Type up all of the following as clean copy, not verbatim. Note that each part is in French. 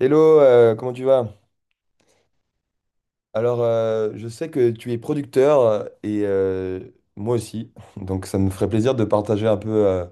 Hello, comment tu vas? Alors, je sais que tu es producteur et moi aussi, donc ça me ferait plaisir de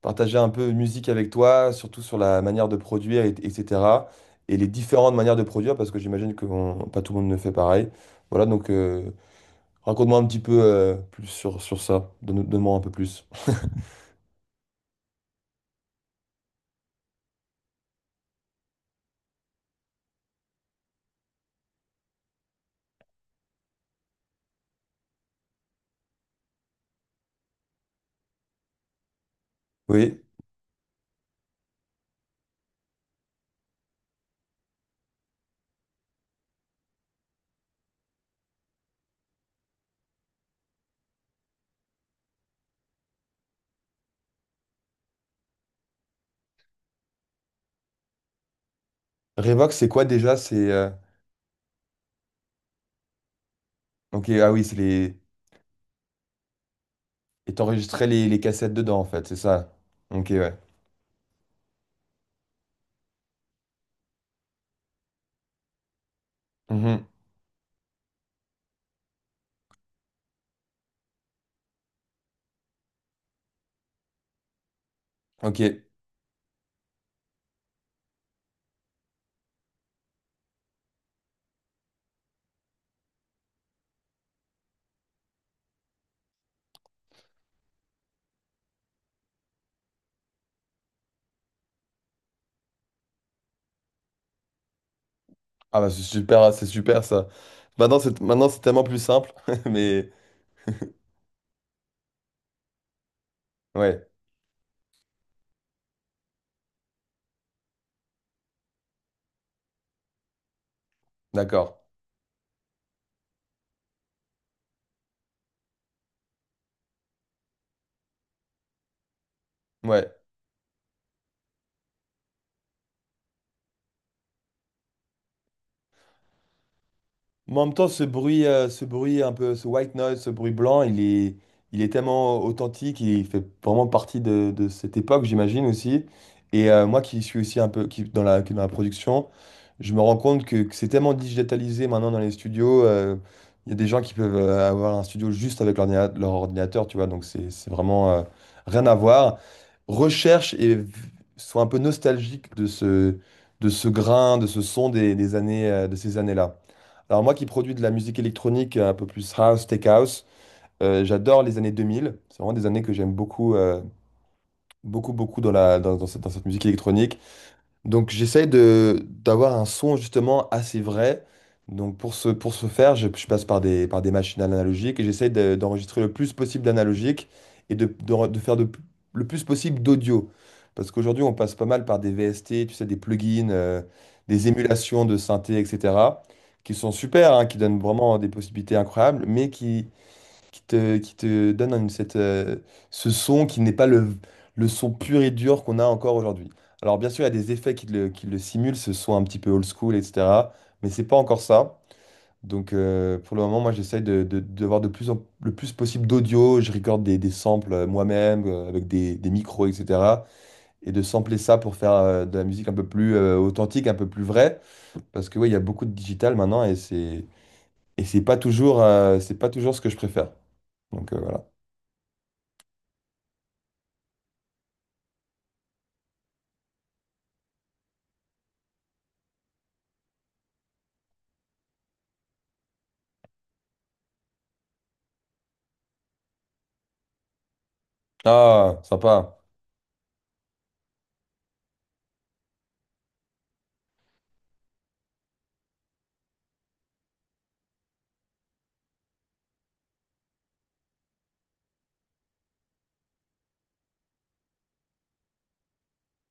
partager un peu musique avec toi, surtout sur la manière de produire, etc. Et les différentes manières de produire, parce que j'imagine que pas tout le monde ne fait pareil. Voilà, donc raconte-moi un petit peu plus sur, ça. Donne-moi un peu plus. Oui. Revox, c'est quoi déjà? C'est ok. Ah oui, c'est les. Et t'enregistrais les cassettes dedans en fait, c'est ça. Ok, ouais. Ok. Ah bah c'est super, hein, c'est super ça. Maintenant c'est tellement plus simple, mais ouais, d'accord. Ouais. Mais en même temps, ce bruit un peu, ce white noise, ce bruit blanc, il est tellement authentique, il fait vraiment partie de, cette époque, j'imagine aussi. Et moi qui suis aussi un peu qui est dans la production. Je me rends compte que c'est tellement digitalisé maintenant dans les studios. Il y a des gens qui peuvent avoir un studio juste avec leur ordinateur, tu vois, donc c'est vraiment rien à voir. Recherche et v- Sois un peu nostalgique de ce, grain, de ce son des années, de ces années-là. Alors moi qui produis de la musique électronique un peu plus house, tech house, j'adore les années 2000. C'est vraiment des années que j'aime beaucoup, beaucoup, beaucoup dans la, dans cette musique électronique. Donc j'essaye de d'avoir un son justement assez vrai. Donc pour ce faire, je passe par des machines analogiques et j'essaye d'enregistrer le plus possible d'analogique et de faire le plus possible d'audio. Parce qu'aujourd'hui, on passe pas mal par des VST, tu sais, des plugins, des émulations de synthé, etc., qui sont super, hein, qui donnent vraiment des possibilités incroyables, mais qui te donne ce son qui n'est pas le, son pur et dur qu'on a encore aujourd'hui. Alors bien sûr, il y a des effets qui le simulent, ce son un petit peu old school, etc. Mais c'est pas encore ça. Donc pour le moment, moi j'essaye de, voir le plus possible d'audio. Je recorde des, samples moi-même, avec des micros, etc. Et de sampler ça pour faire de la musique un peu plus authentique, un peu plus vraie. Parce que oui, il y a beaucoup de digital maintenant et c'est pas toujours ce que je préfère. Donc voilà. Ah, sympa.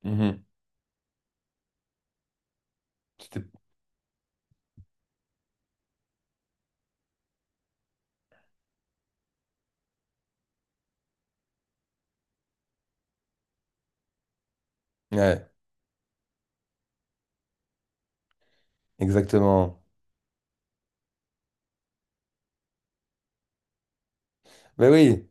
Mhm. C'était- Ouais, exactement. Mais oui,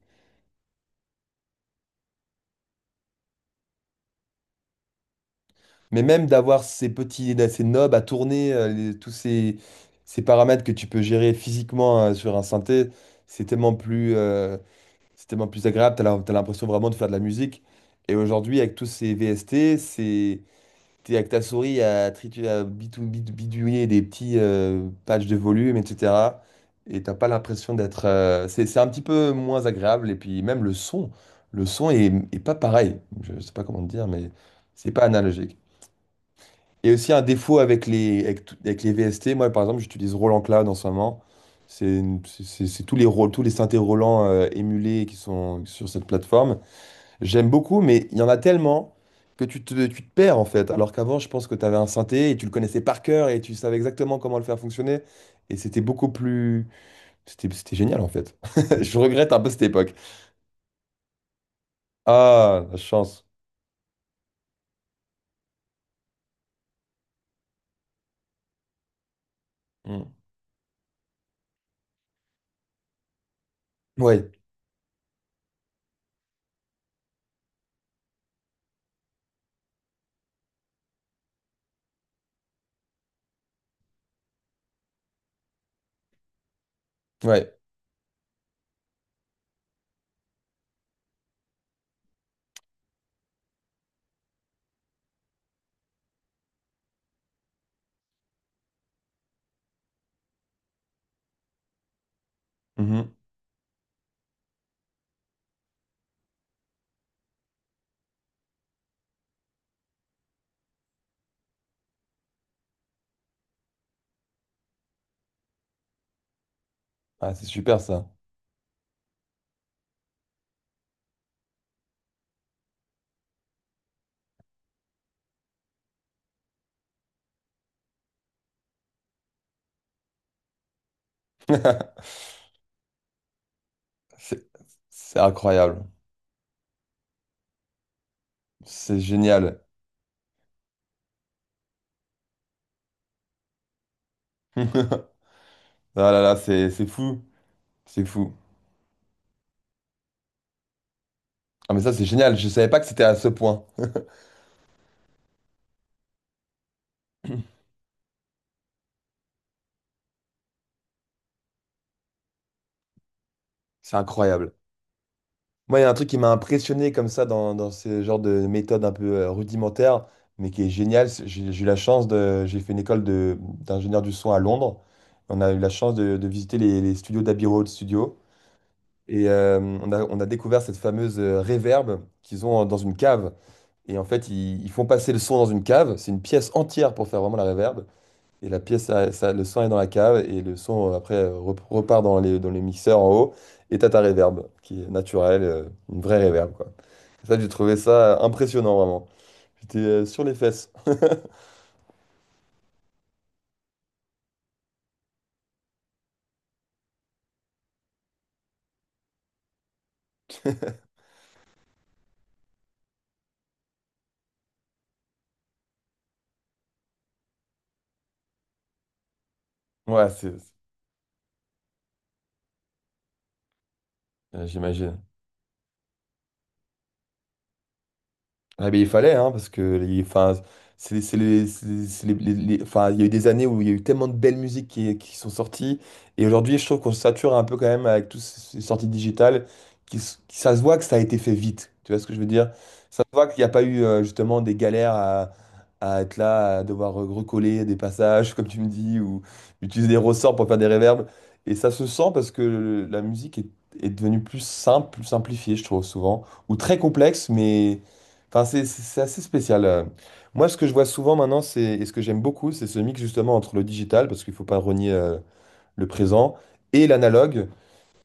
mais même d'avoir ces knobs à tourner, tous ces paramètres que tu peux gérer physiquement sur un synthé, c'est tellement plus, euh, c'est tellement plus agréable. T'as l'impression vraiment de faire de la musique. Et aujourd'hui, avec tous ces VST, c'est t'es avec ta souris à, tritu- à bitou- bidouiller des petits patchs de volume, etc. Et t'as pas l'impression d'être, c'est un petit peu moins agréable. Et puis même le son est pas pareil. Je sais pas comment te dire, mais c'est pas analogique. Et aussi un défaut avec les, avec les VST. Moi, par exemple, j'utilise Roland Cloud en ce moment. C'est une- c'est- C'est tous les rôles, tous les synthés Roland émulés qui sont sur cette plateforme. J'aime beaucoup, mais il y en a tellement que tu te perds en fait. Alors qu'avant, je pense que tu avais un synthé et tu le connaissais par cœur et tu savais exactement comment le faire fonctionner. Et c'était beaucoup plus... C'était génial en fait. Je regrette un peu cette époque. Ah, la chance. Mm. Ouais, ouais. Mhm. Ah, c'est super ça. C'est c'est incroyable. C'est génial. Ah là là, c'est fou. C'est fou. Ah mais ça, c'est génial. Je savais pas que c'était à ce point. C'est incroyable. Moi, il y a un truc qui m'a impressionné comme ça dans, ce genre de méthode un peu rudimentaire, mais qui est génial. J'ai eu la chance de. J'ai fait une école de, d'ingénieur du son à Londres. On a eu la chance de, visiter les studios d'Abbey Road Studio. Et on a découvert cette fameuse reverb qu'ils ont dans une cave. Et en fait, ils font passer le son dans une cave. C'est une pièce entière pour faire vraiment la reverb. Et la pièce, ça- Le son est dans la cave et le son après repart dans les mixeurs en haut. Et t'as ta réverb qui est naturelle, une vraie réverb quoi. Ça, j'ai trouvé ça impressionnant vraiment. J'étais sur les fesses. Ouais, j'imagine. Ah ben, il fallait, hein, parce que c'est les- enfin, il y a eu des années où il y a eu tellement de belles musiques qui, sont sorties. Et aujourd'hui, je trouve qu'on se sature un peu quand même avec toutes ces sorties digitales. Ça se voit que ça a été fait vite. Tu vois ce que je veux dire? Ça se voit qu'il n'y a pas eu justement des galères à, être là, à devoir recoller des passages, comme tu me dis, ou utiliser des ressorts pour faire des réverbes. Et ça se sent parce que la musique est devenue plus simple, plus simplifiée, je trouve, souvent. Ou très complexe, mais. Enfin, c'est assez spécial. Moi, ce que je vois souvent maintenant, c'est, et ce que j'aime beaucoup, c'est ce mix justement entre le digital, parce qu'il ne faut pas renier le présent, et l'analogue.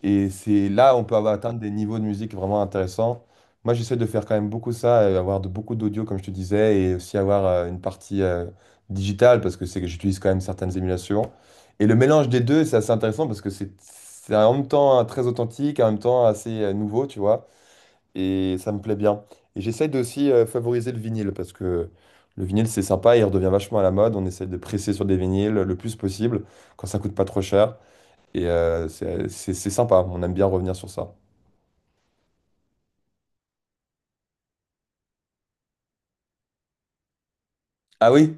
Et c'est là on peut avoir, atteindre des niveaux de musique vraiment intéressants. Moi, j'essaie de faire quand même beaucoup ça, avoir beaucoup d'audio, comme je te disais, et aussi avoir une partie digitale, parce que c'est que j'utilise quand même certaines émulations. Et le mélange des deux, c'est assez intéressant, parce que c'est en même temps très authentique, en même temps assez nouveau, tu vois, et ça me plaît bien. Et j'essaye de aussi favoriser le vinyle parce que le vinyle c'est sympa, il redevient vachement à la mode. On essaye de presser sur des vinyles le plus possible quand ça coûte pas trop cher et c'est sympa. On aime bien revenir sur ça. Ah oui,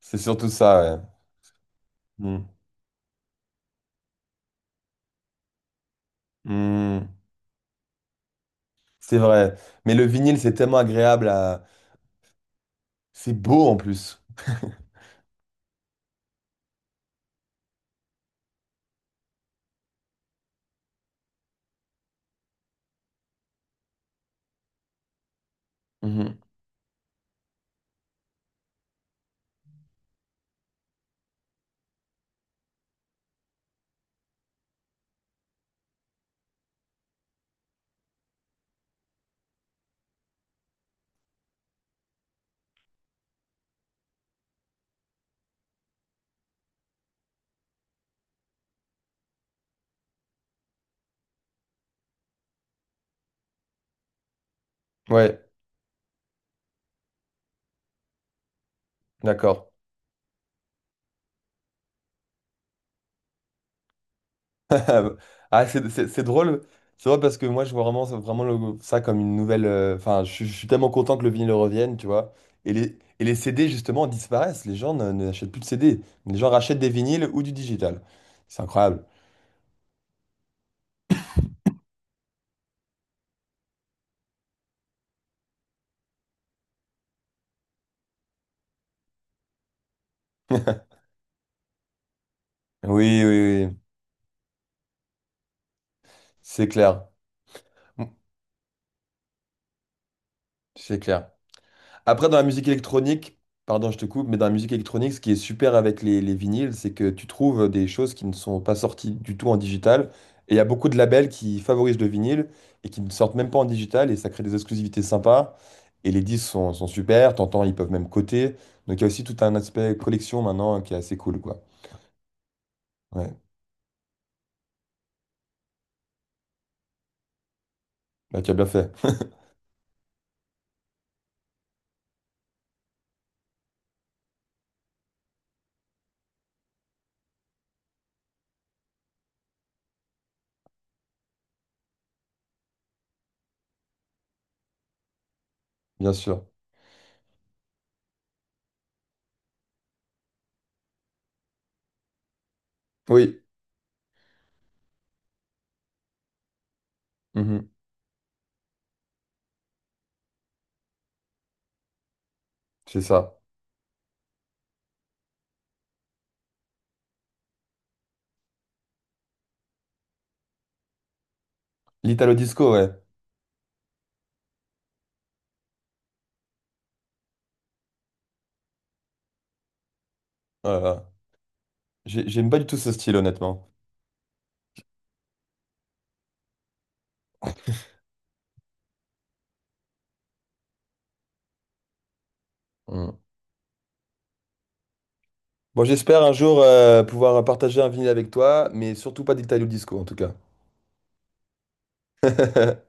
c'est surtout ça, ouais. Mm. Mm. C'est vrai. Mais le vinyle c'est tellement agréable à... C'est beau en plus. Mhm. Ouais, d'accord. Ah, c'est drôle. C'est drôle parce que moi, je vois vraiment, vraiment ça comme une nouvelle. Enfin, je suis tellement content que le vinyle revienne, tu vois. Et les CD, justement, disparaissent. Les gens n'achètent plus de CD. Les gens rachètent des vinyles ou du digital. C'est incroyable. Oui, oui, oui. C'est clair. C'est clair. Après, dans la musique électronique, pardon, je te coupe, mais dans la musique électronique, ce qui est super avec les, vinyles, c'est que tu trouves des choses qui ne sont pas sorties du tout en digital. Et il y a beaucoup de labels qui favorisent le vinyle et qui ne sortent même pas en digital et ça crée des exclusivités sympas. Et les disques sont super, t'entends, ils peuvent même coter. Donc il y a aussi tout un aspect collection maintenant qui est assez cool, quoi. Ouais, bah, tu as bien fait, bien sûr. Oui, mhm, c'est ça. L'Italo disco, ouais. Voilà. J'aime pas du tout ce style, honnêtement. Mm. Bon, j'espère un jour pouvoir partager un vinyle avec toi, mais surtout pas d'Italio Disco en tout cas.